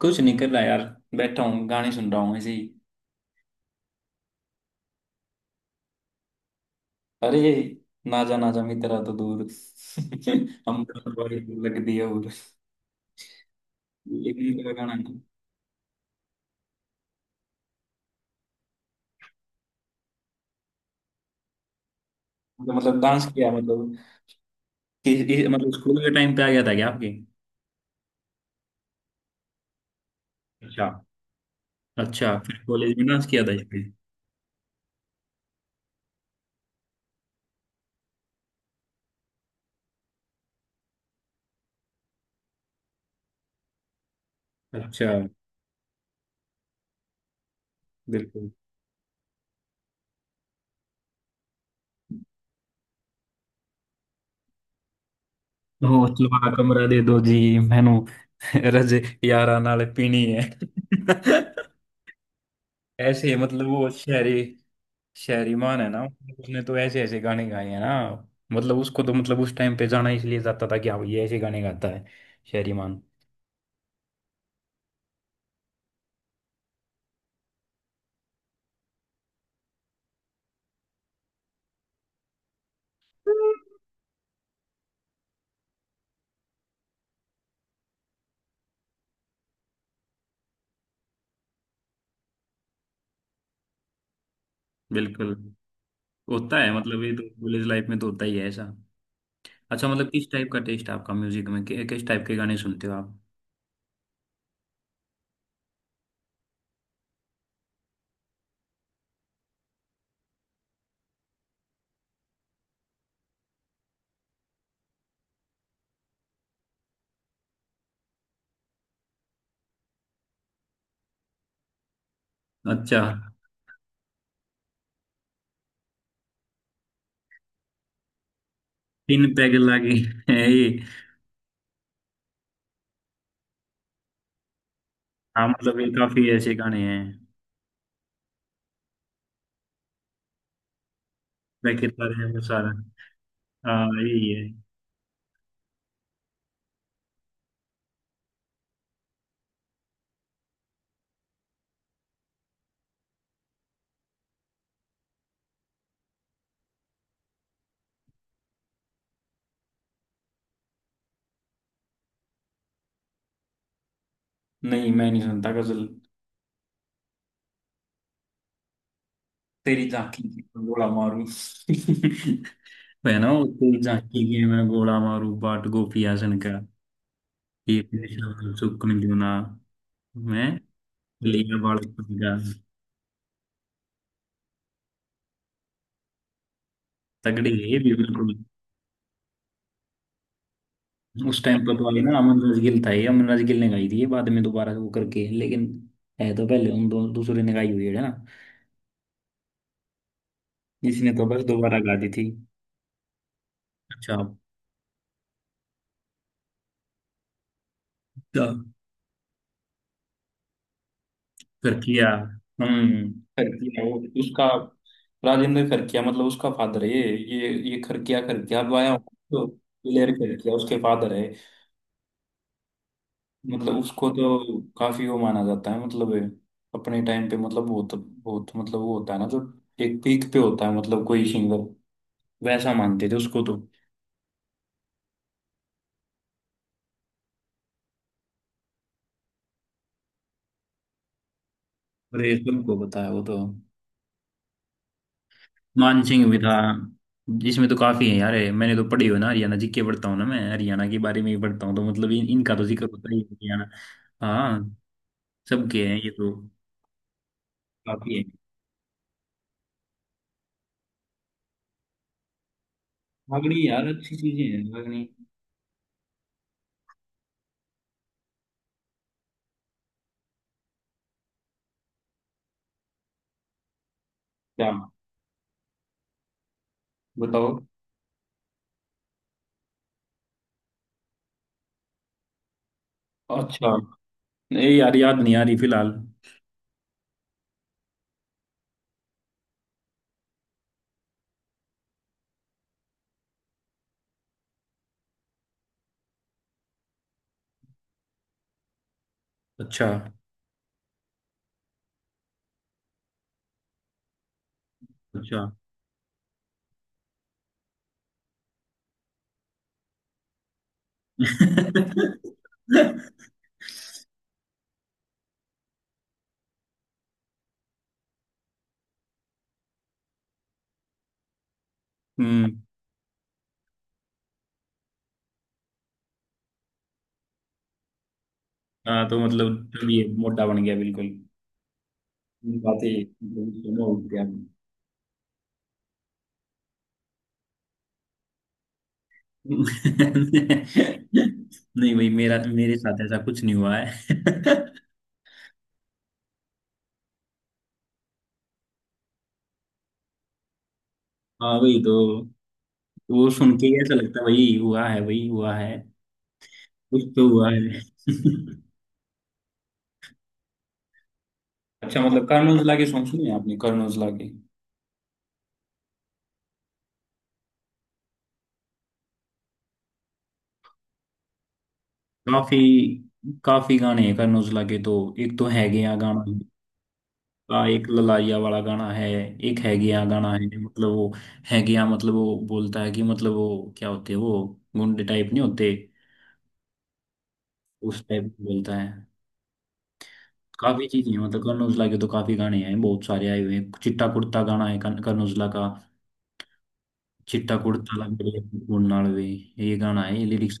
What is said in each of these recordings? कुछ नहीं कर रहा यार। बैठा हूँ गाने सुन रहा हूँ ऐसे ही। अरे ना जा मित्रा तो दूर हम तो तुम्हारे दूर लग दिया। और 1 मिनट का गाना है। तो मतलब डांस किया मतलब मतलब स्कूल के टाइम पे आ गया था क्या आपके? अच्छा। अच्छा, फिर कॉलेज में डांस किया था इस पे? अच्छा। बिल्कुल। ओ चलवा कमरा दे दो जी, मैनू रज यारा नाल पीनी है ऐसे मतलब वो शहरीमान है ना। उसने तो ऐसे ऐसे गाने गाए हैं ना। मतलब उसको तो मतलब उस टाइम पे जाना इसलिए जाता था कि हाँ ये ऐसे गाने गाता है शहरीमान। बिल्कुल। होता है मतलब ये तो कॉलेज लाइफ में तो होता ही है ऐसा। अच्छा मतलब किस टाइप का टेस्ट है आपका म्यूजिक में कि, किस टाइप के गाने सुनते हो आप? अच्छा। 3 पैग लागे है ये। हाँ मतलब ये काफी ऐसे गाने हैं। पैकेटर है वो सारा। हाँ यही है। नहीं, मैं नहीं सुनता गजल। तेरी झांकी की बंडोला मारूं వేనా ఏమైనా గోళామారు పాటు గోపి అసనక ఈ चुक्कని दूना मैं लिया बाल का। तगड़ी है ये भी बिल्कुल। उस टाइम पर तो आई ना अमन राज गिल था, ये अमन राज गिल ने गाई थी ये बाद में, दोबारा से वो करके लेकिन है तो पहले उन दो दूसरे ने गाई हुई है ना। इसने तो बस दोबारा गा दी थी। अच्छा। फिरकिया। हम्म। खरकिया वो उसका। राजेंद्र खरकिया मतलब उसका फादर है ये खरकिया खरकिया अब आया हूँ। तो प्लेयर खरकिया उसके फादर है। मतलब उसको तो काफी वो माना जाता है मतलब अपने टाइम पे मतलब बहुत बहुत मतलब वो होता है ना जो एक पीक पे होता है मतलब कोई सिंगर, वैसा मानते थे उसको तो। और ये सबको बताया वो तो। मानसिंह भी था। इसमें तो काफी है यार, मैंने तो पढ़ी हो ना, हरियाणा जीके पढ़ता हूँ ना मैं, हरियाणा के बारे में ही पढ़ता हूँ, तो मतलब इन, इनका तो जिक्र होता ही है हरियाणा। हाँ सबके हैं ये तो। काफी है। अग्नि यार, अच्छी चीजें हैं अग्नि। क्या बताओ? अच्छा नहीं यार, याद नहीं आ रही फिलहाल। अच्छा अच्छा। हम्म। हाँ तो मतलब अभी ये मोटा बन गया बिल्कुल। बातें मतलब, हो गया। नहीं भाई, मेरा मेरे साथ ऐसा कुछ नहीं हुआ है हाँ भाई तो वो सुन के ही ऐसा लगता है वही हुआ है वही हुआ है। कुछ तो हुआ है अच्छा मतलब कर्नोजला के सॉन्ग सुने हैं आपने, कर्नोजला के? काफी। काफी गाने हैं करण औजला के तो। एक तो है गया गाना। का एक ललारिया वाला गाना है। एक है गया गाना है मतलब वो है गया मतलब वो बोलता है कि मतलब वो क्या होते हैं वो गुंडे टाइप नहीं होते, उस टाइप बोलता है। काफी चीजें हैं मतलब, करण औजला के तो काफी गाने हैं, बहुत सारे आए हुए हैं। चिट्टा कुर्ता गाना है करण करण औजला का। चिट्टा कुर्ता लंबे नाल वे, ये गाना है ये लिरिक्स।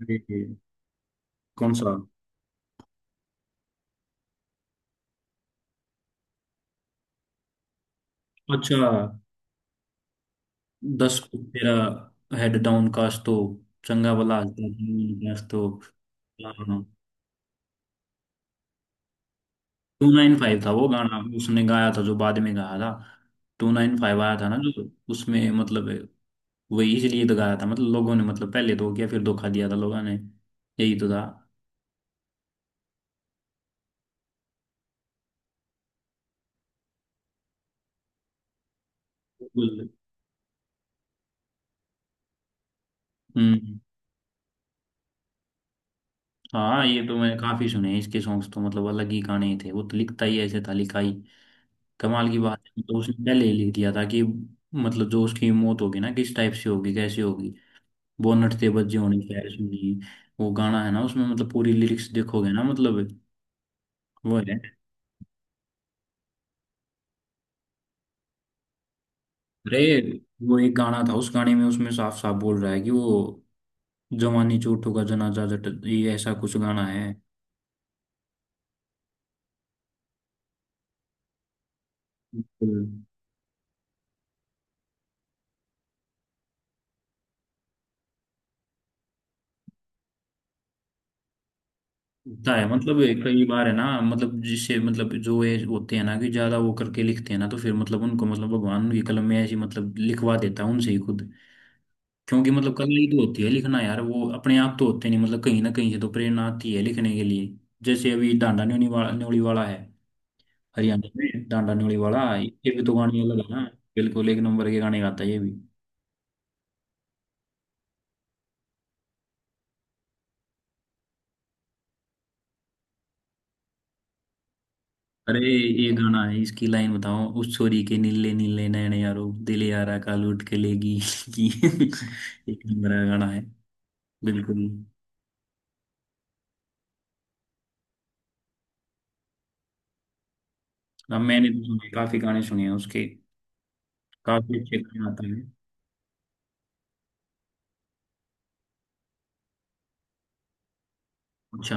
अरे। कौन सा? अच्छा 10 फुट तेरा हेड डाउन काश तो, चंगा भला हंसता नहीं, काश तो। हाँ। 295 था वो गाना, उसने गाया था जो बाद में गाया था। 295 आया था ना जो, उसमें मतलब वही इसलिए तो गाया था मतलब लोगों ने, मतलब पहले तो क्या फिर धोखा दिया था लोगों ने यही तो था। हम्म। हाँ ये तो मैंने काफी सुने हैं इसके सॉन्ग्स तो, मतलब अलग ही गाने थे वो तो, लिखता ही ऐसे था लिखाई, कमाल की बात है। तो उसने पहले ही लिख दिया था कि मतलब जो उसकी मौत होगी ना किस टाइप से होगी कैसे होगी। बोनट से बजे होने खैर सुनी वो गाना है ना, उसमें मतलब पूरी लिरिक्स देखोगे ना मतलब वो है। अरे वो एक गाना था, उस गाने में उसमें साफ साफ बोल रहा है कि वो जवानी चोटों का जनाजा जट, ये ऐसा कुछ गाना है। बिल्कुल। होता है मतलब ये कई बार है ना, मतलब जिससे मतलब जो ये होते हैं ना कि ज्यादा वो करके लिखते हैं ना, तो फिर मतलब उनको मतलब भगवान उनकी कलम में ऐसी मतलब लिखवा देता है उनसे ही खुद। क्योंकि मतलब कला ही तो होती है लिखना यार, वो अपने आप तो होते नहीं, मतलब कहीं ना कहीं से तो प्रेरणा आती है लिखने के लिए। जैसे अभी डांडा न्योली वाला, है हरियाणा में डांडा न्योली वाला, ये भी तो गाने अलग है ना। बिल्कुल एक नंबर के गाने गाता है ये भी। अरे ये गाना है इसकी लाइन बताओ, उस छोरी के नीले नीले नयन यारो दिल यारा का लूट के लेगी की एक नंबर का गाना है बिल्कुल। अब मैंने तो सुने काफी गाने सुने हैं उसके काफी अच्छे गाने आते हैं अच्छा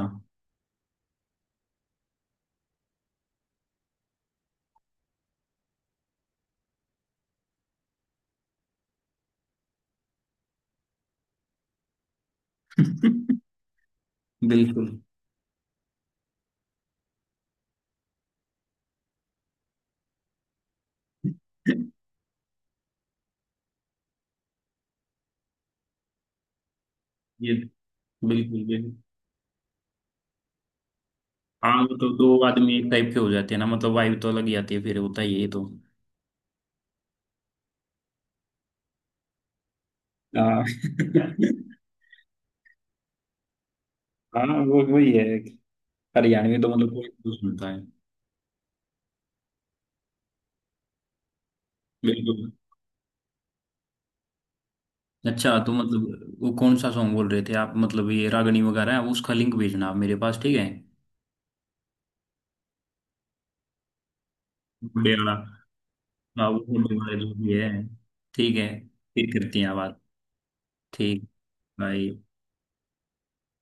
बिल्कुल ये बिल्कुल बिल्कुल। हाँ वो तो दो आदमी एक टाइप के हो जाते हैं ना, मतलब वाइब तो अलग ही आती है फिर, होता ही है ये तो। हाँ हाँ वो वही है। हरियाणवी तो मतलब कोई तो सुनता है। बिल्कुल। अच्छा तो मतलब वो कौन सा सॉन्ग बोल रहे थे आप, मतलब ये रागनी वगैरह है उसका लिंक भेजना आप मेरे पास, ठीक है? बर्थडे वाला। हाँ वो बर्थडे वाला जो भी है। ठीक है। फिर करती हैं बात। ठीक भाई।